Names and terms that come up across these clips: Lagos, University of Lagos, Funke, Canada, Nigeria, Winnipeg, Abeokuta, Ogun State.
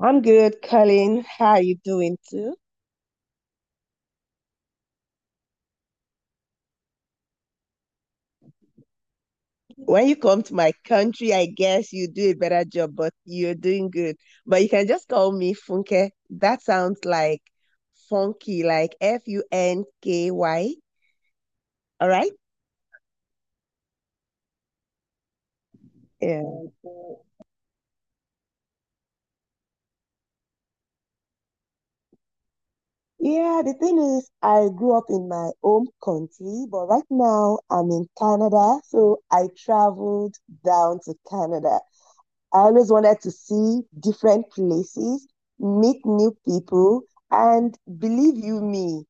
I'm good, Colin. How are you doing too? When you come to my country, I guess you do a better job, but you're doing good. But you can just call me Funke. That sounds like funky, like Funky. All right? Yeah. Yeah, the thing is, I grew up in my home country, but right now I'm in Canada, so I traveled down to Canada. I always wanted to see different places, meet new people, and believe you me,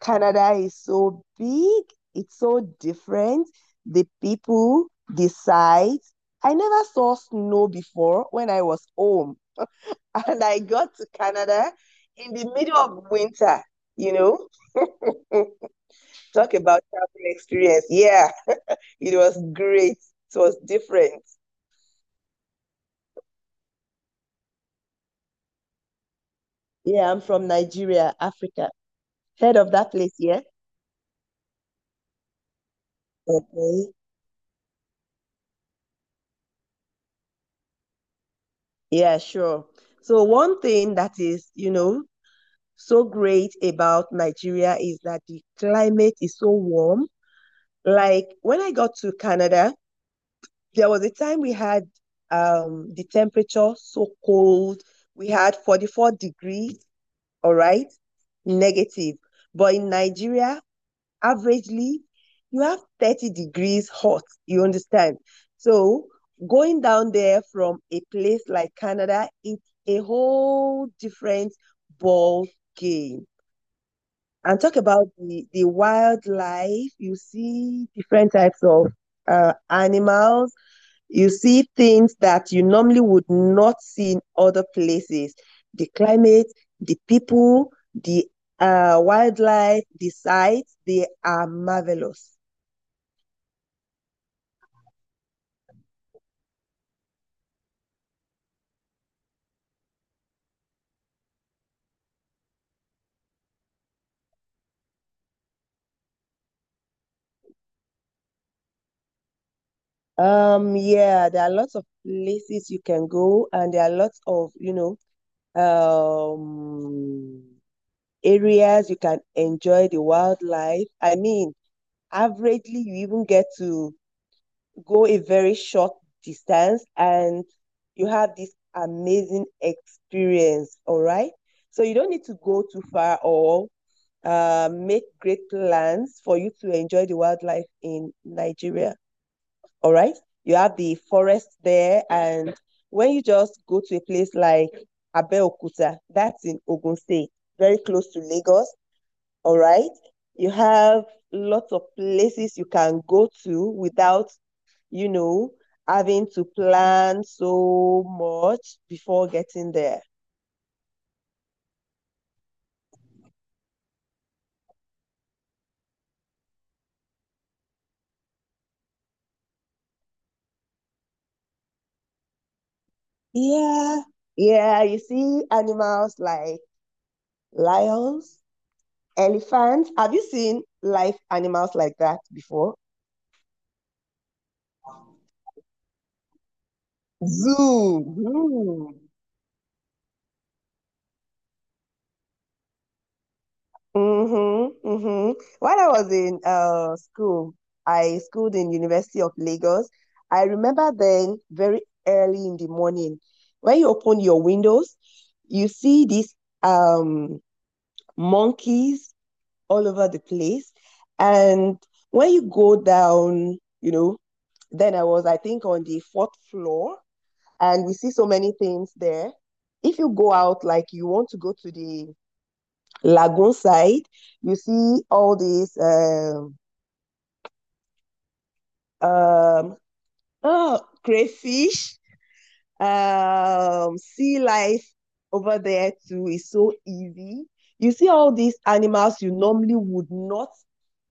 Canada is so big, it's so different. The people, the sights. I never saw snow before when I was home, and I got to Canada in the middle of winter, you know. Talk about travel experience. Yeah, it was great. It was different. Yeah, I'm from Nigeria, Africa. Heard of that place, yeah? Okay. Yeah, sure. So one thing that is, so great about Nigeria is that the climate is so warm. Like when I got to Canada, there was a time we had the temperature so cold. We had 44 degrees, all right, negative. But in Nigeria, averagely, you have 30 degrees hot, you understand? So going down there from a place like Canada, it's a whole different ball game. And talk about the wildlife, you see different types of animals, you see things that you normally would not see in other places. The climate, the people, the wildlife, the sites, they are marvelous. Yeah, there are lots of places you can go, and there are lots of, um, areas you can enjoy the wildlife. I mean, averagely, you even get to go a very short distance and you have this amazing experience. All right. So you don't need to go too far or make great plans for you to enjoy the wildlife in Nigeria. All right. You have the forest there. And when you just go to a place like Abeokuta, that's in Ogun State, very close to Lagos, all right. You have lots of places you can go to without, you know, having to plan so much before getting there. Yeah. Yeah. You see animals like lions, elephants. Have you seen live animals like that before? Zoo. Hmm. Mm-hmm, mm-hmm. When I was in school, I schooled in University of Lagos. I remember then very early in the morning, when you open your windows, you see these um monkeys all over the place. And when you go down, you know, then I was, I think, on the fourth floor, and we see so many things there. If you go out, like you want to go to the lagoon side, you see all these um, oh, crayfish, sea life over there too is so easy. You see all these animals you normally would not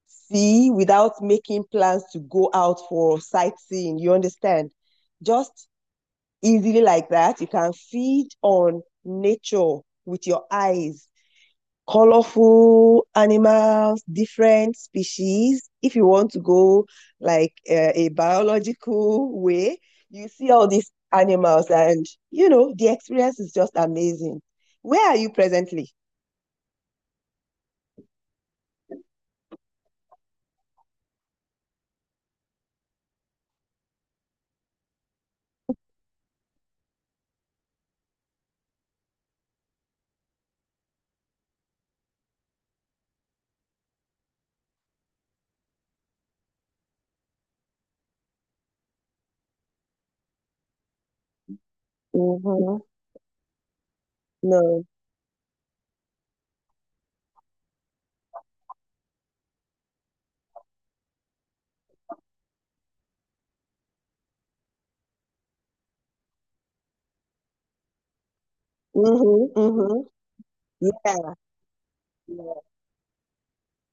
see without making plans to go out for sightseeing. You understand? Just easily like that, you can feed on nature with your eyes colorful animals, different species. If you want to go like a biological way, you see all these animals, and you know, the experience is just amazing. Where are you presently? Mm-hmm. No. Mm-hmm. Mm-hmm. Yeah.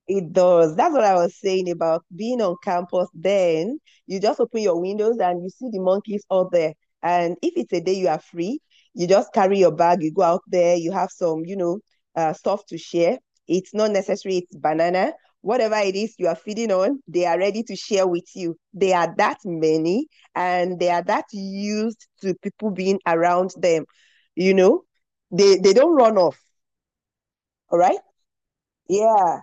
It does. That's what I was saying about being on campus. Then you just open your windows and you see the monkeys out there. And if it's a day you are free, you just carry your bag, you go out there, you have some, stuff to share. It's not necessary, it's banana. Whatever it is you are feeding on, they are ready to share with you. They are that many and they are that used to people being around them. You know, they don't run off. All right. Yeah.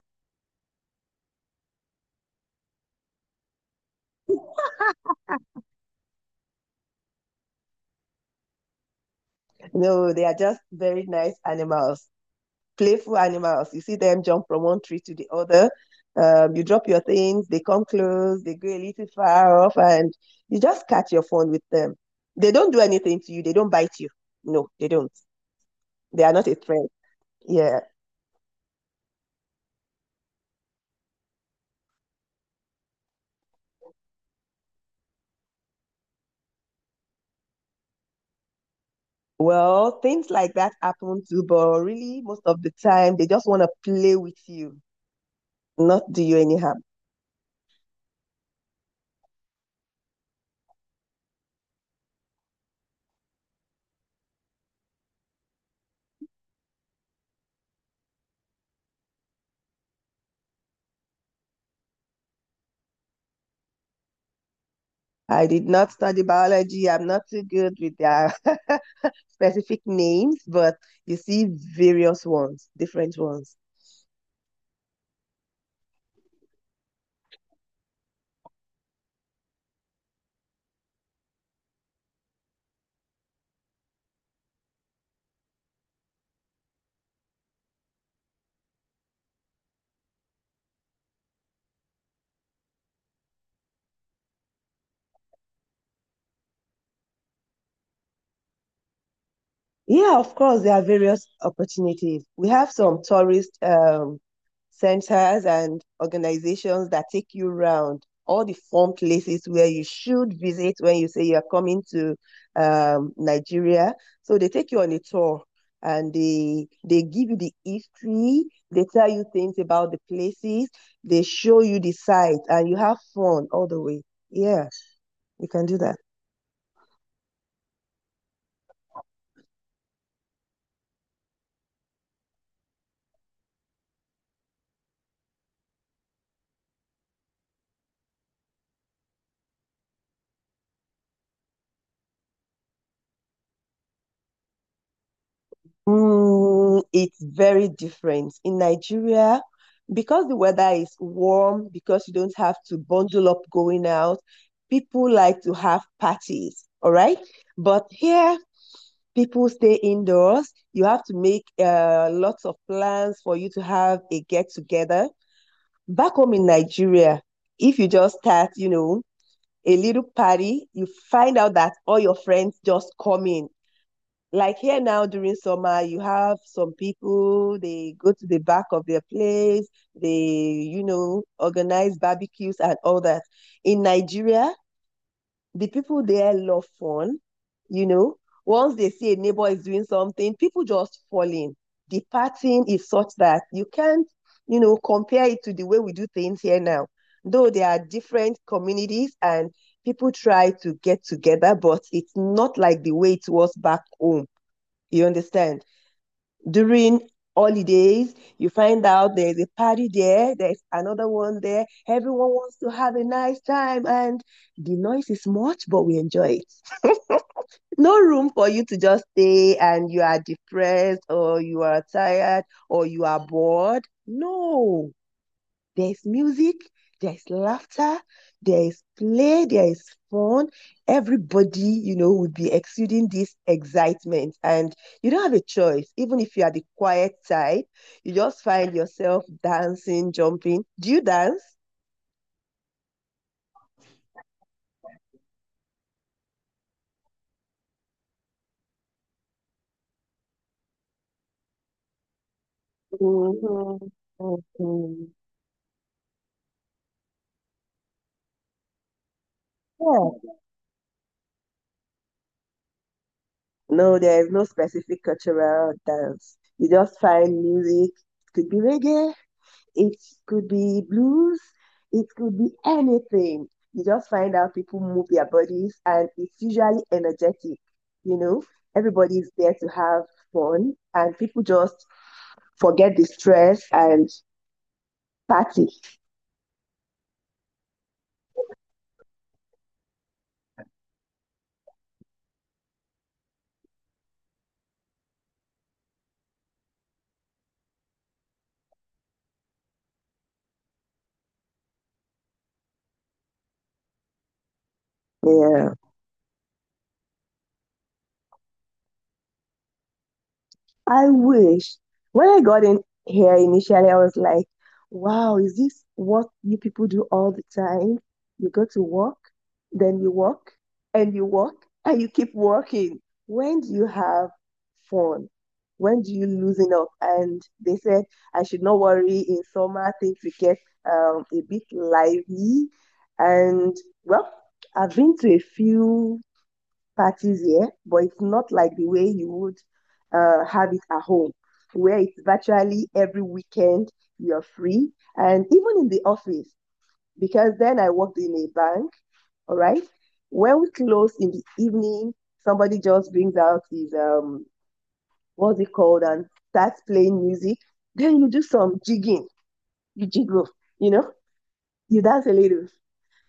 No, they are just very nice animals, playful animals. You see them jump from one tree to the other. You drop your things, they come close, they go a little far off, and you just catch your phone with them. They don't do anything to you, they don't bite you. No, they don't. They are not a threat. Yeah. Well, things like that happen too, but really, most of the time, they just want to play with you, not do you any harm. I did not study biology. I'm not too good with their specific names, but you see various ones, different ones. Yeah, of course, there are various opportunities. We have some tourist centers and organizations that take you around all the fun places where you should visit when you say you're coming to Nigeria. So they take you on a tour and they give you the history, they tell you things about the places, they show you the site, and you have fun all the way. Yeah, you can do that. Mm, it's very different. In Nigeria, because the weather is warm, because you don't have to bundle up going out, people like to have parties, all right? But here, people stay indoors. You have to make lots of plans for you to have a get together. Back home in Nigeria, if you just start, you know, a little party, you find out that all your friends just come in like here now during summer you have some people they go to the back of their place they you know organize barbecues and all that in nigeria the people there love fun you know once they see a neighbor is doing something people just fall in the pattern is such that you can't you know compare it to the way we do things here now though there are different communities and people try to get together but it's not like the way it was back home you understand? During holidays, you find out there's a party there, there's another one there. Everyone wants to have a nice time, and the noise is much, but we enjoy it. No room for you to just stay and you are depressed or you are tired or you are bored. No, there's music, there's laughter, there's play, there's fun. Everybody, you know, would be exuding this excitement. And you don't have a choice. Even if you are the quiet type, you just find yourself dancing, jumping. Do you dance? Mm-hmm. Mm-hmm. Yeah. No, there is no specific cultural dance. You just find music. Could be reggae, it could be blues, it could be anything. You just find out people move their bodies and it's usually energetic, you know. Everybody's there to have fun and people just forget the stress and party. Yeah. I wish. When I got in here initially, I was like, wow, is this what you people do all the time? You go to work, then you work, and you work, and you keep working. When do you have fun? When do you loosen up? And they said, I should not worry. In summer, things will get a bit lively. And well, I've been to a few parties here, but it's not like the way you would have it at home, where it's virtually every weekend you're free. And even in the office, because then I worked in a bank, all right? When we close in the evening, somebody just brings out his, what's it called, and starts playing music. Then you do some jigging, you jiggle, you know, you dance a little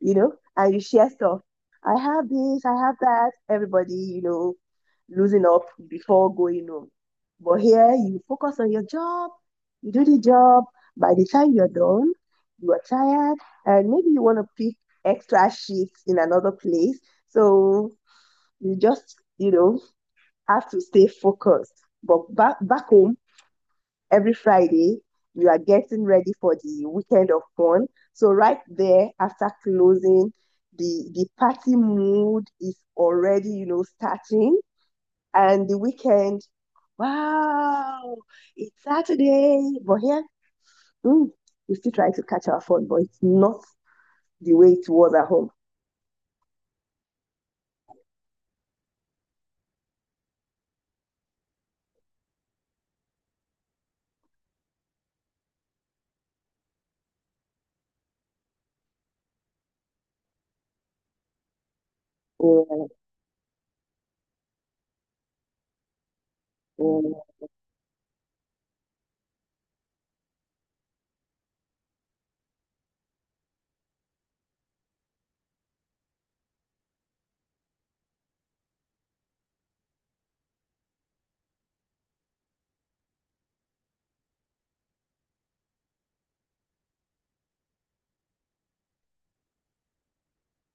you know, and you share stuff. I have this, I have that. Everybody, you know, losing up before going home. But here, you focus on your job, you do the job. By the time you're done, you are tired, and maybe you want to pick extra shifts in another place. So you just, you know, have to stay focused. But back home, every Friday, you are getting ready for the weekend of fun. So right there after closing, the party mood is already, you know, starting. And the weekend, wow, it's Saturday. But here, mm, we still try to catch our phone, but it's not the way it was at home. Yeah, yeah.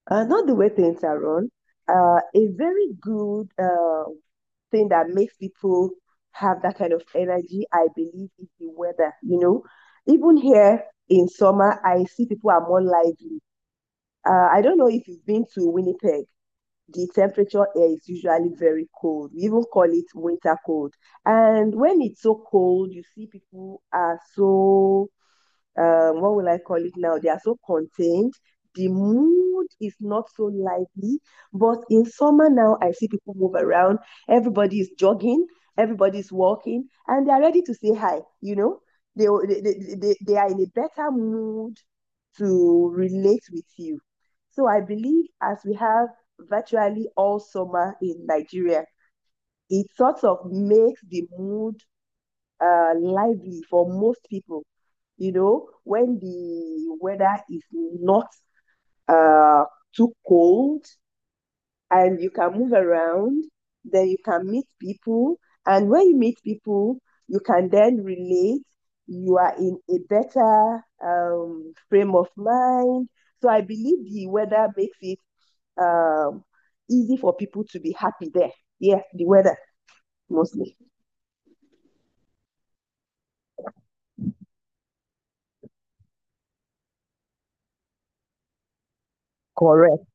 Not the way things are run. A very good thing that makes people have that kind of energy, I believe, is the weather. You know, even here in summer, I see people are more lively. I don't know if you've been to Winnipeg. The temperature air is usually very cold. We even call it winter cold. And when it's so cold, you see people are so what will I call it now? They are so contained. The mood is not so lively. But in summer now, I see people move around. Everybody is jogging. Everybody is walking, and they are ready to say hi. You know, they they are in a better mood to relate with you. So I believe as we have virtually all summer in Nigeria, it sort of makes the mood lively for most people, you know, when the weather is not uh, too cold and you can move around, then you can meet people. And when you meet people, you can then relate. You are in a better frame of mind. So I believe the weather makes it um, easy for people to be happy there. Yeah, the weather mostly. Correct.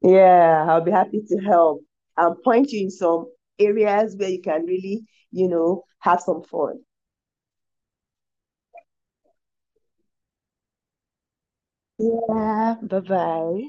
Yeah, I'll be happy to help and point you in some areas where you can really, you know, have some fun. Yeah, bye bye.